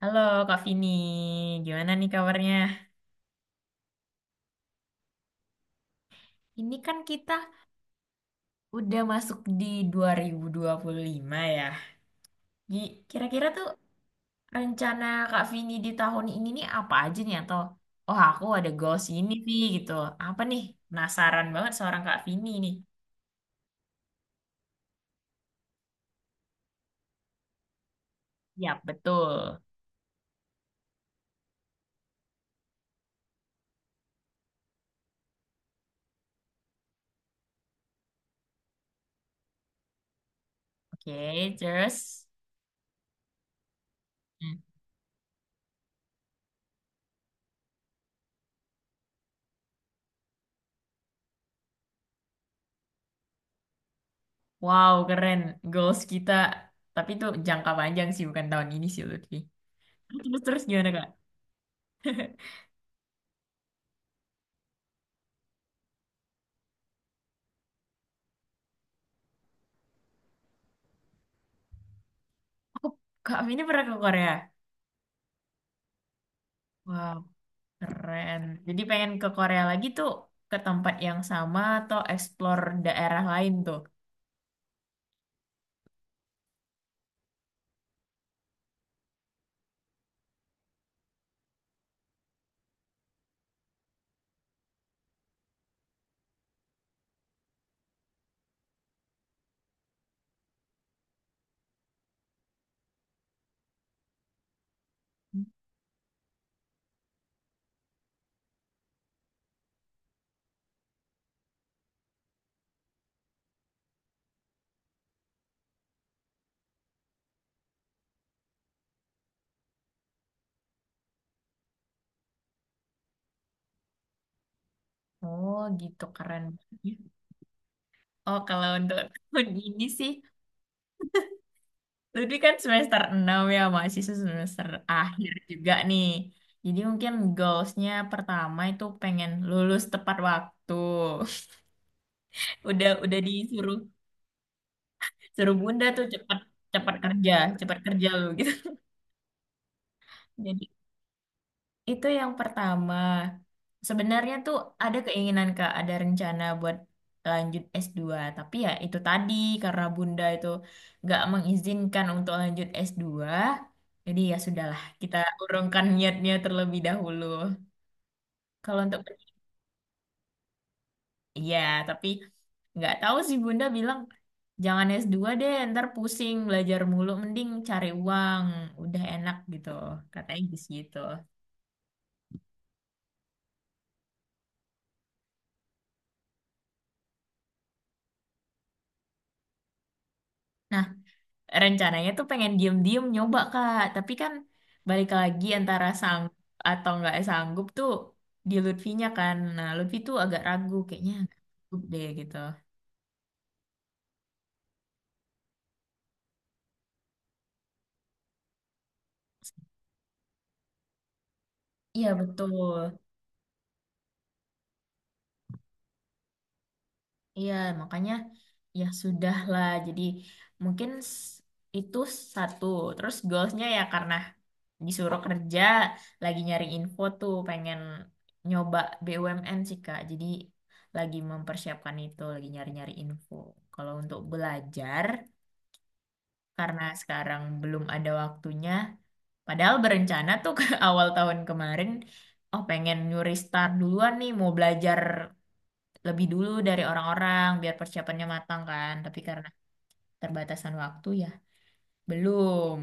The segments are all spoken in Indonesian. Halo Kak Vini, gimana nih kabarnya? Ini kan kita udah masuk di dua dua ribu dua puluh lima ya. Kira-kira tuh rencana Kak Vini di tahun ini nih apa aja nih, atau oh aku ada goals ini nih gitu. Apa nih? Penasaran banget seorang Kak Vini nih. Ya, betul. Oke, terus. Hmm. Wow, keren goals kita. Tapi itu jangka panjang sih, bukan tahun ini sih Lutfi. Terus terus gimana Kak? Aku Kak Vini pernah ke Korea? Wow. Keren. Jadi pengen ke Korea lagi tuh, ke tempat yang sama atau explore daerah lain tuh? Oh gitu, keren banget ya. Oh kalau untuk tahun ini sih, Lutfi kan semester 6 ya, mahasiswa semester akhir juga nih. Jadi mungkin goalsnya pertama itu pengen lulus tepat waktu. Udah disuruh Bunda tuh, cepat cepat kerja, cepat kerja lu gitu. Jadi itu yang pertama. Sebenarnya tuh ada keinginan Kak, ada rencana buat lanjut s dua. Tapi ya itu tadi, karena Bunda itu nggak mengizinkan untuk lanjut s dua, jadi ya sudahlah, kita urungkan niatnya terlebih dahulu. Kalau untuk ya, tapi nggak tahu sih Bunda bilang jangan s dua deh, ntar pusing belajar mulu, mending cari uang, udah enak gitu. Katanya gitu. Nah, rencananya tuh pengen diem-diem nyoba Kak, tapi kan balik lagi antara atau nggak sanggup tuh di Lutfinya kan. Nah, Lutfi tuh agak ragu kayaknya nggak sanggup deh gitu. Iya betul. Iya, makanya ya sudah lah. Jadi mungkin itu satu. Terus goalsnya ya karena disuruh kerja, lagi nyari info tuh, pengen nyoba BUMN sih Kak. Jadi lagi mempersiapkan itu, lagi nyari-nyari info. Kalau untuk belajar, karena sekarang belum ada waktunya, padahal berencana tuh ke awal tahun kemarin, oh pengen nyuri start duluan nih, mau belajar lebih dulu dari orang-orang biar persiapannya matang kan. Tapi karena terbatasan waktu ya belum.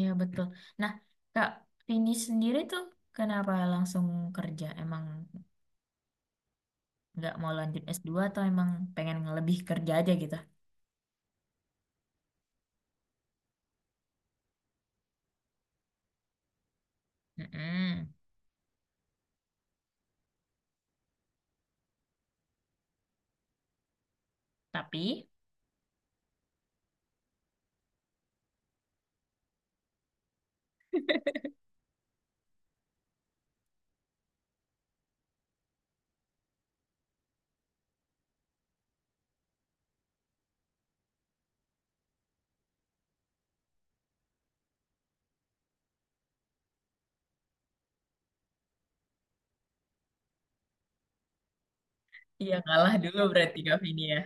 Ya betul. Nah, Kak Vini sendiri tuh kenapa langsung kerja? Emang nggak mau lanjut s dua, atau emang pengen lebih kerja aja gitu? Mm-mm. Tapi iya kalah dulu berarti Kak Vini ya.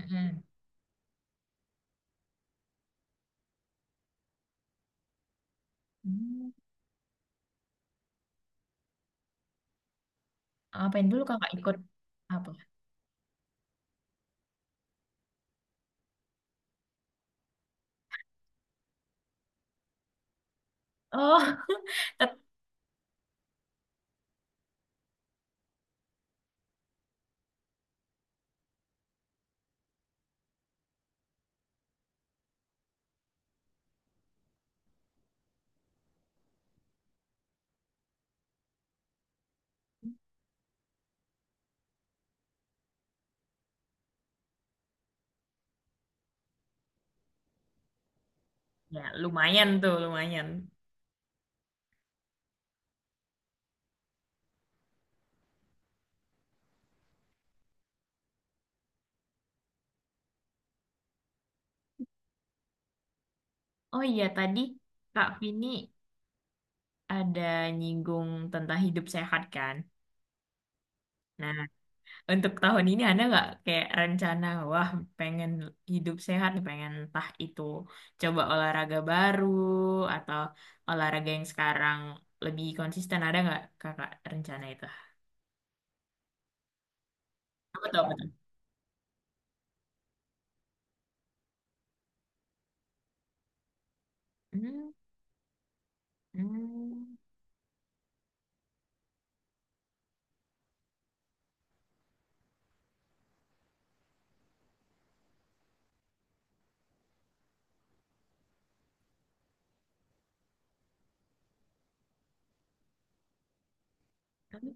Mm-mm. Hmm. Apain dulu kakak, ikut apa? Oh, tet- ya lumayan tuh, lumayan. Oh iya tadi Kak Vini ada nyinggung tentang hidup sehat kan. Nah, untuk tahun ini ada nggak kayak rencana, wah pengen hidup sehat nih, pengen entah itu coba olahraga baru atau olahraga yang sekarang lebih konsisten, ada nggak kakak rencana itu? Apa tuh, apa tuh? Hmm, hmm, apa?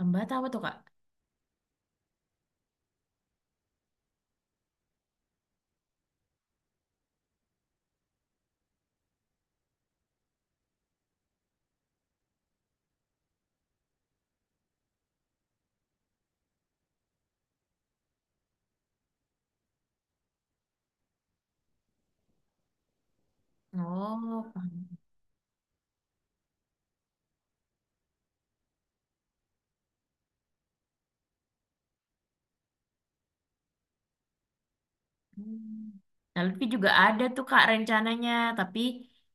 Hambatan apa tuh Kak? Oh, hmm. Nah, Lutfi juga ada tuh Kak rencananya, tapi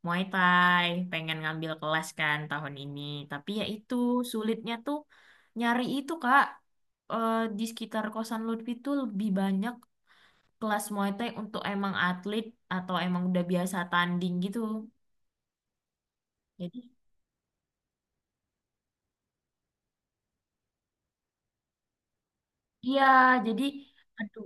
Muay Thai, pengen ngambil kelas kan tahun ini. Tapi ya itu, sulitnya tuh nyari itu Kak. Eh, di sekitar kosan Lutfi tuh lebih banyak kelas Muay Thai untuk emang atlet atau emang udah biasa tanding gitu. Jadi iya, jadi aduh,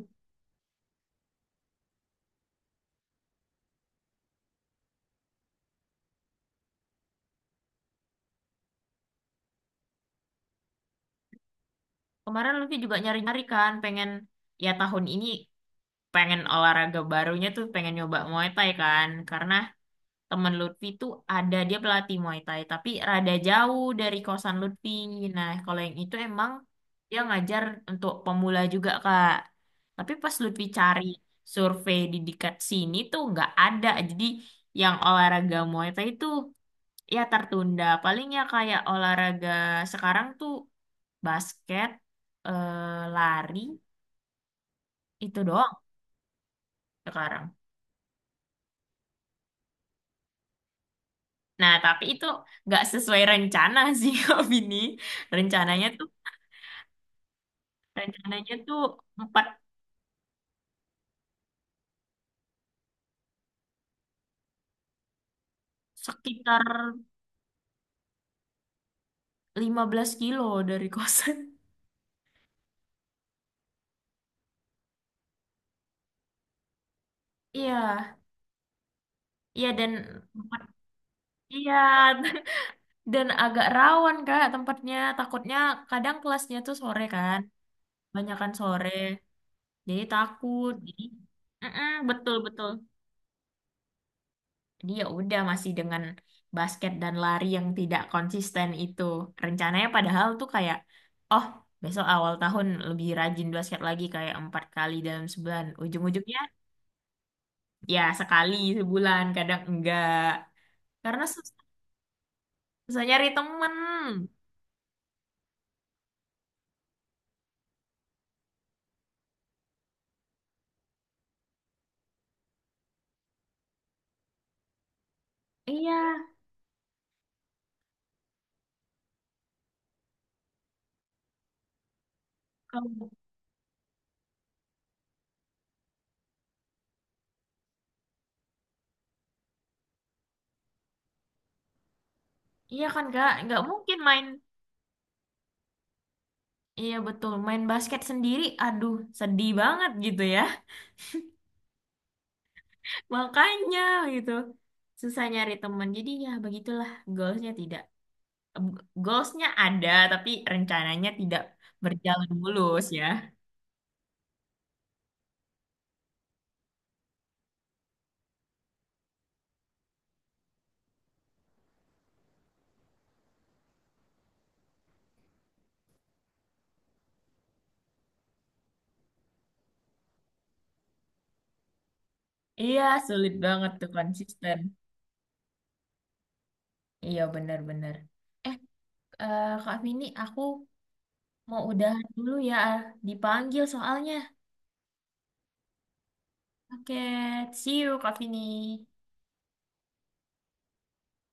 kemarin Lutfi juga nyari-nyari kan, pengen ya tahun ini pengen olahraga barunya tuh pengen nyoba Muay Thai kan, karena temen Lutfi tuh ada dia pelatih Muay Thai, tapi rada jauh dari kosan Lutfi. Nah kalau yang itu emang dia ngajar untuk pemula juga Kak, tapi pas Lutfi cari survei di dekat sini tuh nggak ada. Jadi yang olahraga Muay Thai itu ya tertunda. Palingnya kayak olahraga sekarang tuh basket, eh, lari, itu doang sekarang. Nah tapi itu nggak sesuai rencana sih. Kak Vini, rencananya tuh Rencananya tuh empat sekitar 15 km dari kosan. Iya, iya, dan tempat, iya dan agak rawan Kak tempatnya. Takutnya kadang kelasnya tuh sore kan, banyakan sore. Jadi takut. Jadi mm-mm, betul betul. Jadi ya udah masih dengan basket dan lari yang tidak konsisten itu. Rencananya padahal tuh kayak oh, besok awal tahun lebih rajin basket lagi kayak 4 kali dalam sebulan. Ujung-ujungnya ya, sekali sebulan, kadang enggak. Karena susah, susah nyari temen. Iya, kalau iya kan Kak, nggak mungkin main. Iya betul, main basket sendiri aduh, sedih banget gitu ya. Makanya gitu, susah nyari temen. Jadi ya begitulah, goalsnya tidak, goalsnya ada, tapi rencananya tidak berjalan mulus ya. Iya, sulit banget tuh konsisten. Iya benar-benar. Eh, eh, Kak Vini, aku mau udahan dulu ya, ah. Dipanggil soalnya. Oke, see you Kak Vini.